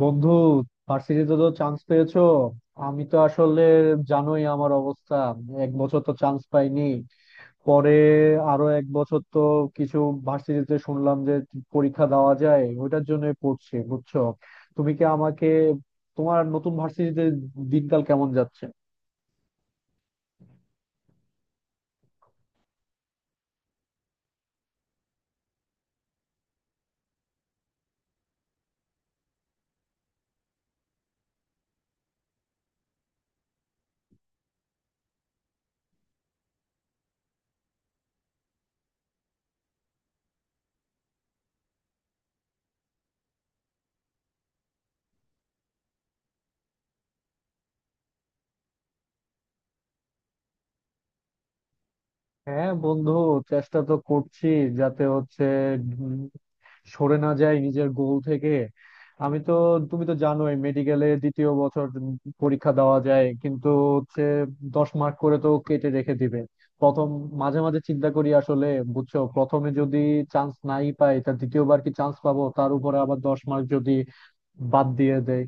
বন্ধু, ভার্সিটিতে তো চান্স পেয়েছো। আমি তো আসলে জানোই আমার অবস্থা। এক বছর তো চান্স পাইনি, পরে আরো এক বছর তো কিছু ভার্সিটিতে শুনলাম যে পরীক্ষা দেওয়া যায়, ওইটার জন্য পড়ছি বুঝছো। তুমি কি আমাকে তোমার নতুন ভার্সিটিতে দিনকাল কেমন যাচ্ছে? হ্যাঁ বন্ধু, চেষ্টা তো করছি যাতে হচ্ছে সরে না যাই নিজের গোল থেকে। আমি তো তুমি তো জানোই মেডিকেলে দ্বিতীয় বছর পরীক্ষা দেওয়া যায় কিন্তু হচ্ছে 10 মার্ক করে তো কেটে রেখে দিবে প্রথম। মাঝে মাঝে চিন্তা করি আসলে বুঝছো, প্রথমে যদি চান্স নাই পাই তা দ্বিতীয়বার কি চান্স পাবো, তার উপরে আবার 10 মার্ক যদি বাদ দিয়ে দেয়।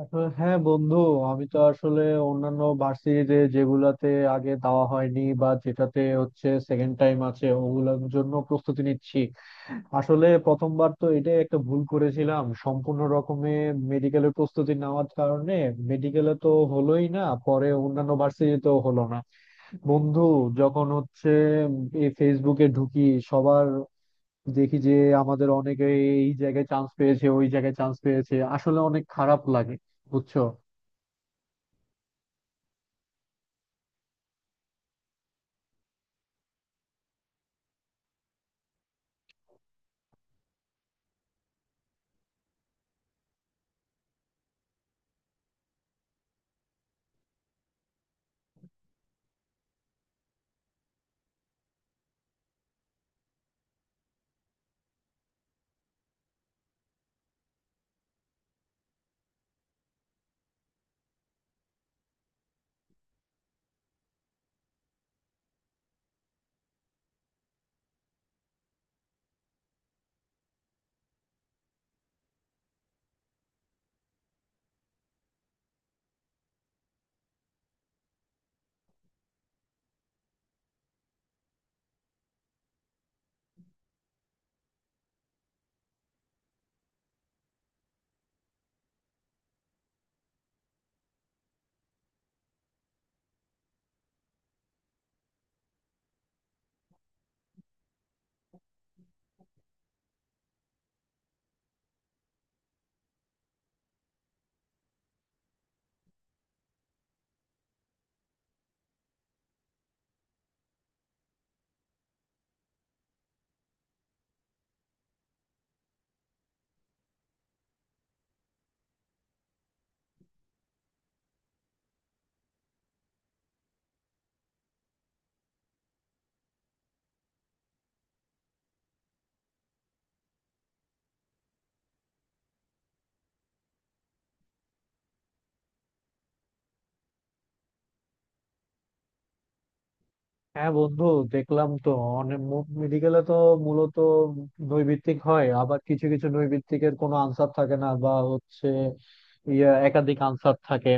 আসলে হ্যাঁ বন্ধু, আমি তো আসলে অন্যান্য ভার্সিটিতে যেগুলাতে আগে দেওয়া হয়নি বা যেটাতে হচ্ছে সেকেন্ড টাইম আছে ওগুলোর জন্য প্রস্তুতি নিচ্ছি। আসলে প্রথমবার তো এটাই একটা ভুল করেছিলাম সম্পূর্ণ রকমে, মেডিকেলের প্রস্তুতি নেওয়ার কারণে মেডিকেলে তো হলোই না, পরে অন্যান্য ভার্সিটিতেও হলো না। বন্ধু, যখন হচ্ছে উম, এই ফেসবুকে ঢুকি সবার, দেখি যে আমাদের অনেকে এই জায়গায় চান্স পেয়েছে ওই জায়গায় চান্স পেয়েছে, আসলে অনেক খারাপ লাগে বুঝছো। হ্যাঁ বন্ধু, দেখলাম তো অনেক। মেডিকেলে তো মূলত নৈর্ব্যক্তিক হয়, আবার কিছু কিছু নৈর্ব্যক্তিকের কোনো আনসার থাকে না বা হচ্ছে ইয়া একাধিক আনসার থাকে।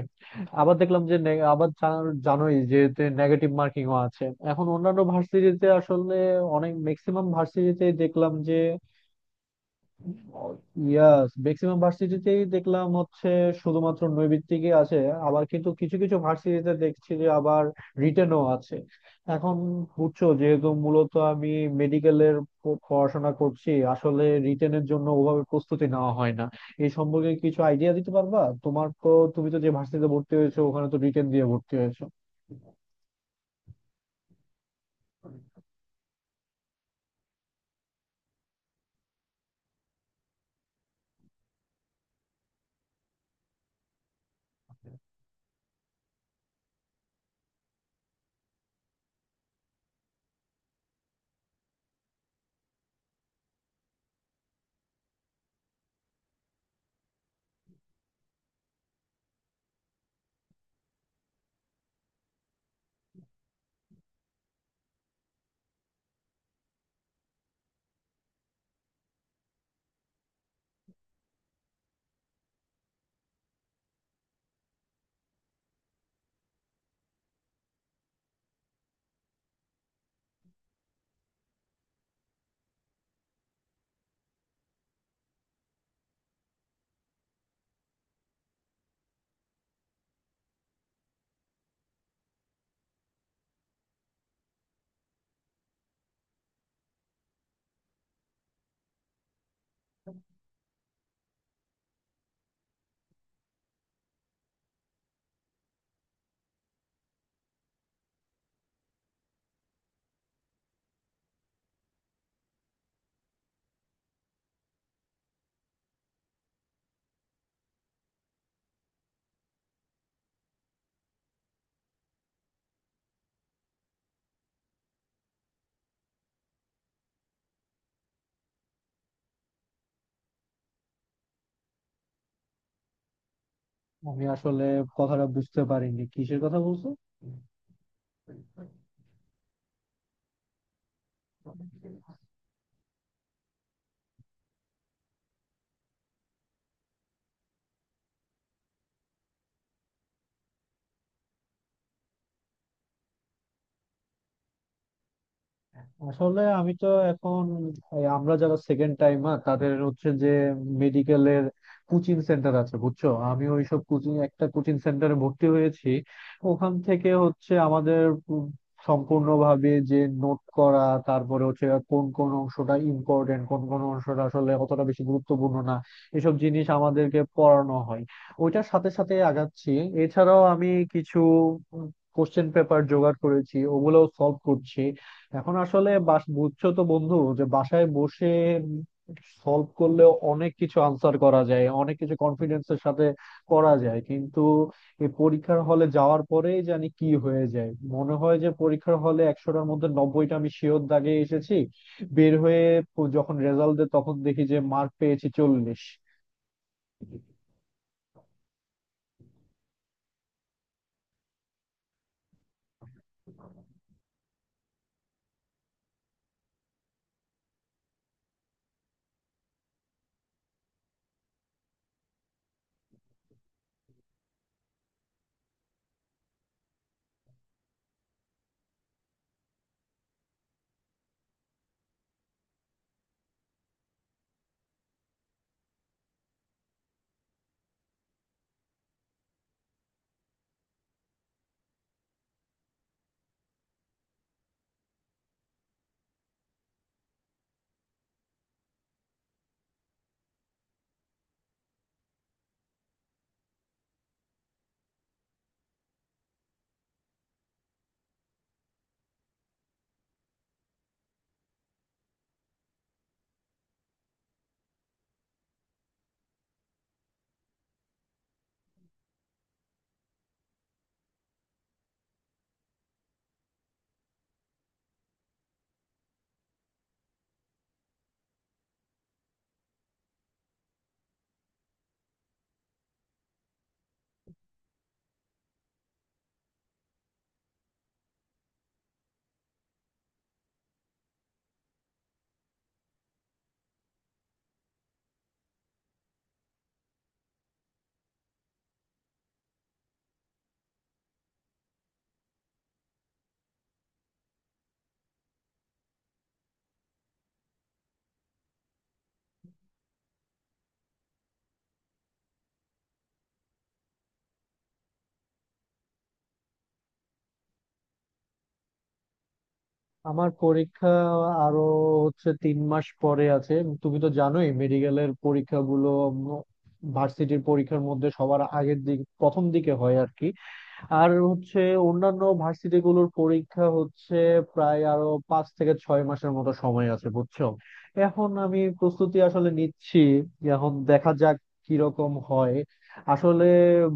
আবার দেখলাম যে আবার জানোই যে নেগেটিভ মার্কিংও আছে। এখন অন্যান্য ভার্সিটিতে আসলে অনেক ম্যাক্সিমাম ভার্সিটিতে দেখলাম যে ইয়াস ম্যাক্সিমাম ভার্সিটিতেই দেখলাম হচ্ছে শুধুমাত্র নৈর্ব্যক্তিকই আছে। আবার কিন্তু কিছু কিছু ভার্সিটিতে দেখছি যে আবার রিটেনও আছে। এখন বুঝছো যেহেতু মূলত আমি মেডিকেলের পড়াশোনা করছি, আসলে রিটেনের জন্য ওভাবে প্রস্তুতি নেওয়া হয় না। এই সম্পর্কে কিছু আইডিয়া দিতে পারবা তোমার তো, তুমি তো যে ভার্সিটিতে ভর্তি হয়েছো ওখানে তো রিটেন দিয়ে ভর্তি হয়েছো। আমি আসলে কথাটা বুঝতে পারিনি, কিসের কথা বলছো? আসলে আমি তো এখন এই আমরা যারা সেকেন্ড টাইমার তাদের হচ্ছে যে মেডিকেলের কোচিং সেন্টার আছে বুঝছো, আমি ওইসব কোচিং একটা কোচিং সেন্টারে ভর্তি হয়েছি। ওখান থেকে হচ্ছে আমাদের পু- সম্পূর্ণভাবে যে নোট করা, তারপরে হচ্ছে কোন কোন অংশটা ইম্পর্টেন্ট কোন কোন অংশটা আসলে অতটা বেশি গুরুত্বপূর্ণ না, এসব জিনিস আমাদেরকে পড়ানো হয়, ওইটার সাথে সাথে আগাচ্ছি। এছাড়াও আমি কিছু কোশ্চেন পেপার জোগাড় করেছি, ওগুলোও সলভ করছি। এখন আসলে বাস বুঝছো তো বন্ধু যে বাসায় বসে সলভ করলেও অনেক কিছু আনসার করা যায়, অনেক কিছু কনফিডেন্সের সাথে করা যায়, কিন্তু এই পরীক্ষার হলে যাওয়ার পরেই জানি কি হয়ে যায়, মনে হয় যে পরীক্ষার হলে 100টার মধ্যে 90টা আমি শিওর দাগে এসেছি, বের হয়ে যখন রেজাল্ট দেয় তখন দেখি যে মার্ক পেয়েছি 40। আমার পরীক্ষা আরো হচ্ছে 3 মাস পরে আছে। তুমি তো জানোই মেডিকেলের পরীক্ষাগুলো ভার্সিটির পরীক্ষার মধ্যে সবার আগের দিক প্রথম দিকে হয় আর কি। আর হচ্ছে অন্যান্য ভার্সিটিগুলোর পরীক্ষা হচ্ছে প্রায় আরো 5 থেকে 6 মাসের মতো সময় আছে বুঝছো। এখন আমি প্রস্তুতি আসলে নিচ্ছি, এখন দেখা যাক কিরকম হয়। আসলে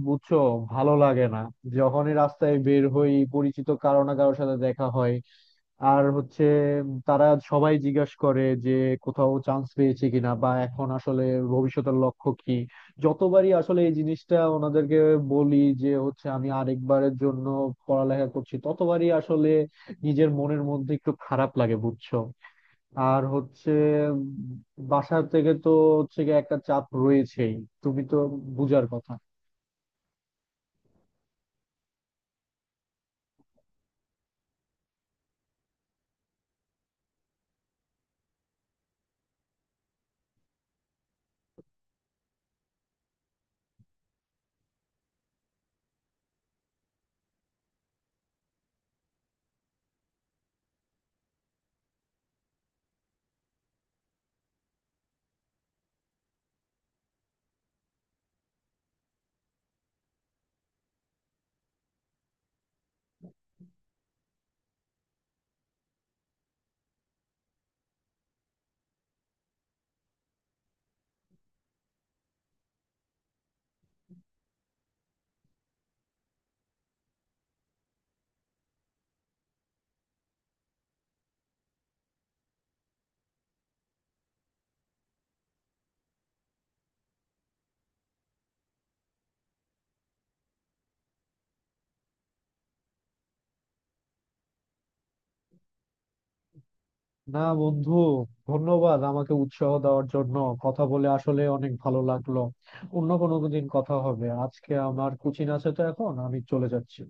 বুঝছো ভালো লাগে না, যখনই রাস্তায় বের হই পরিচিত কারো না কারোর সাথে দেখা হয়, আর হচ্ছে তারা সবাই জিজ্ঞাস করে যে কোথাও চান্স পেয়েছে কিনা বা এখন আসলে ভবিষ্যতের লক্ষ্য কি। যতবারই আসলে এই জিনিসটা ওনাদেরকে বলি যে হচ্ছে আমি আরেকবারের জন্য পড়ালেখা করছি ততবারই আসলে নিজের মনের মধ্যে একটু খারাপ লাগে বুঝছো। আর হচ্ছে উম, বাসা থেকে তো হচ্ছে গিয়ে একটা চাপ রয়েছেই, তুমি তো বুঝার কথা। না বন্ধু, ধন্যবাদ আমাকে উৎসাহ দেওয়ার জন্য, কথা বলে আসলে অনেক ভালো লাগলো। অন্য কোনো দিন কথা হবে, আজকে আমার কোচিং আছে তো এখন আমি চলে যাচ্ছি।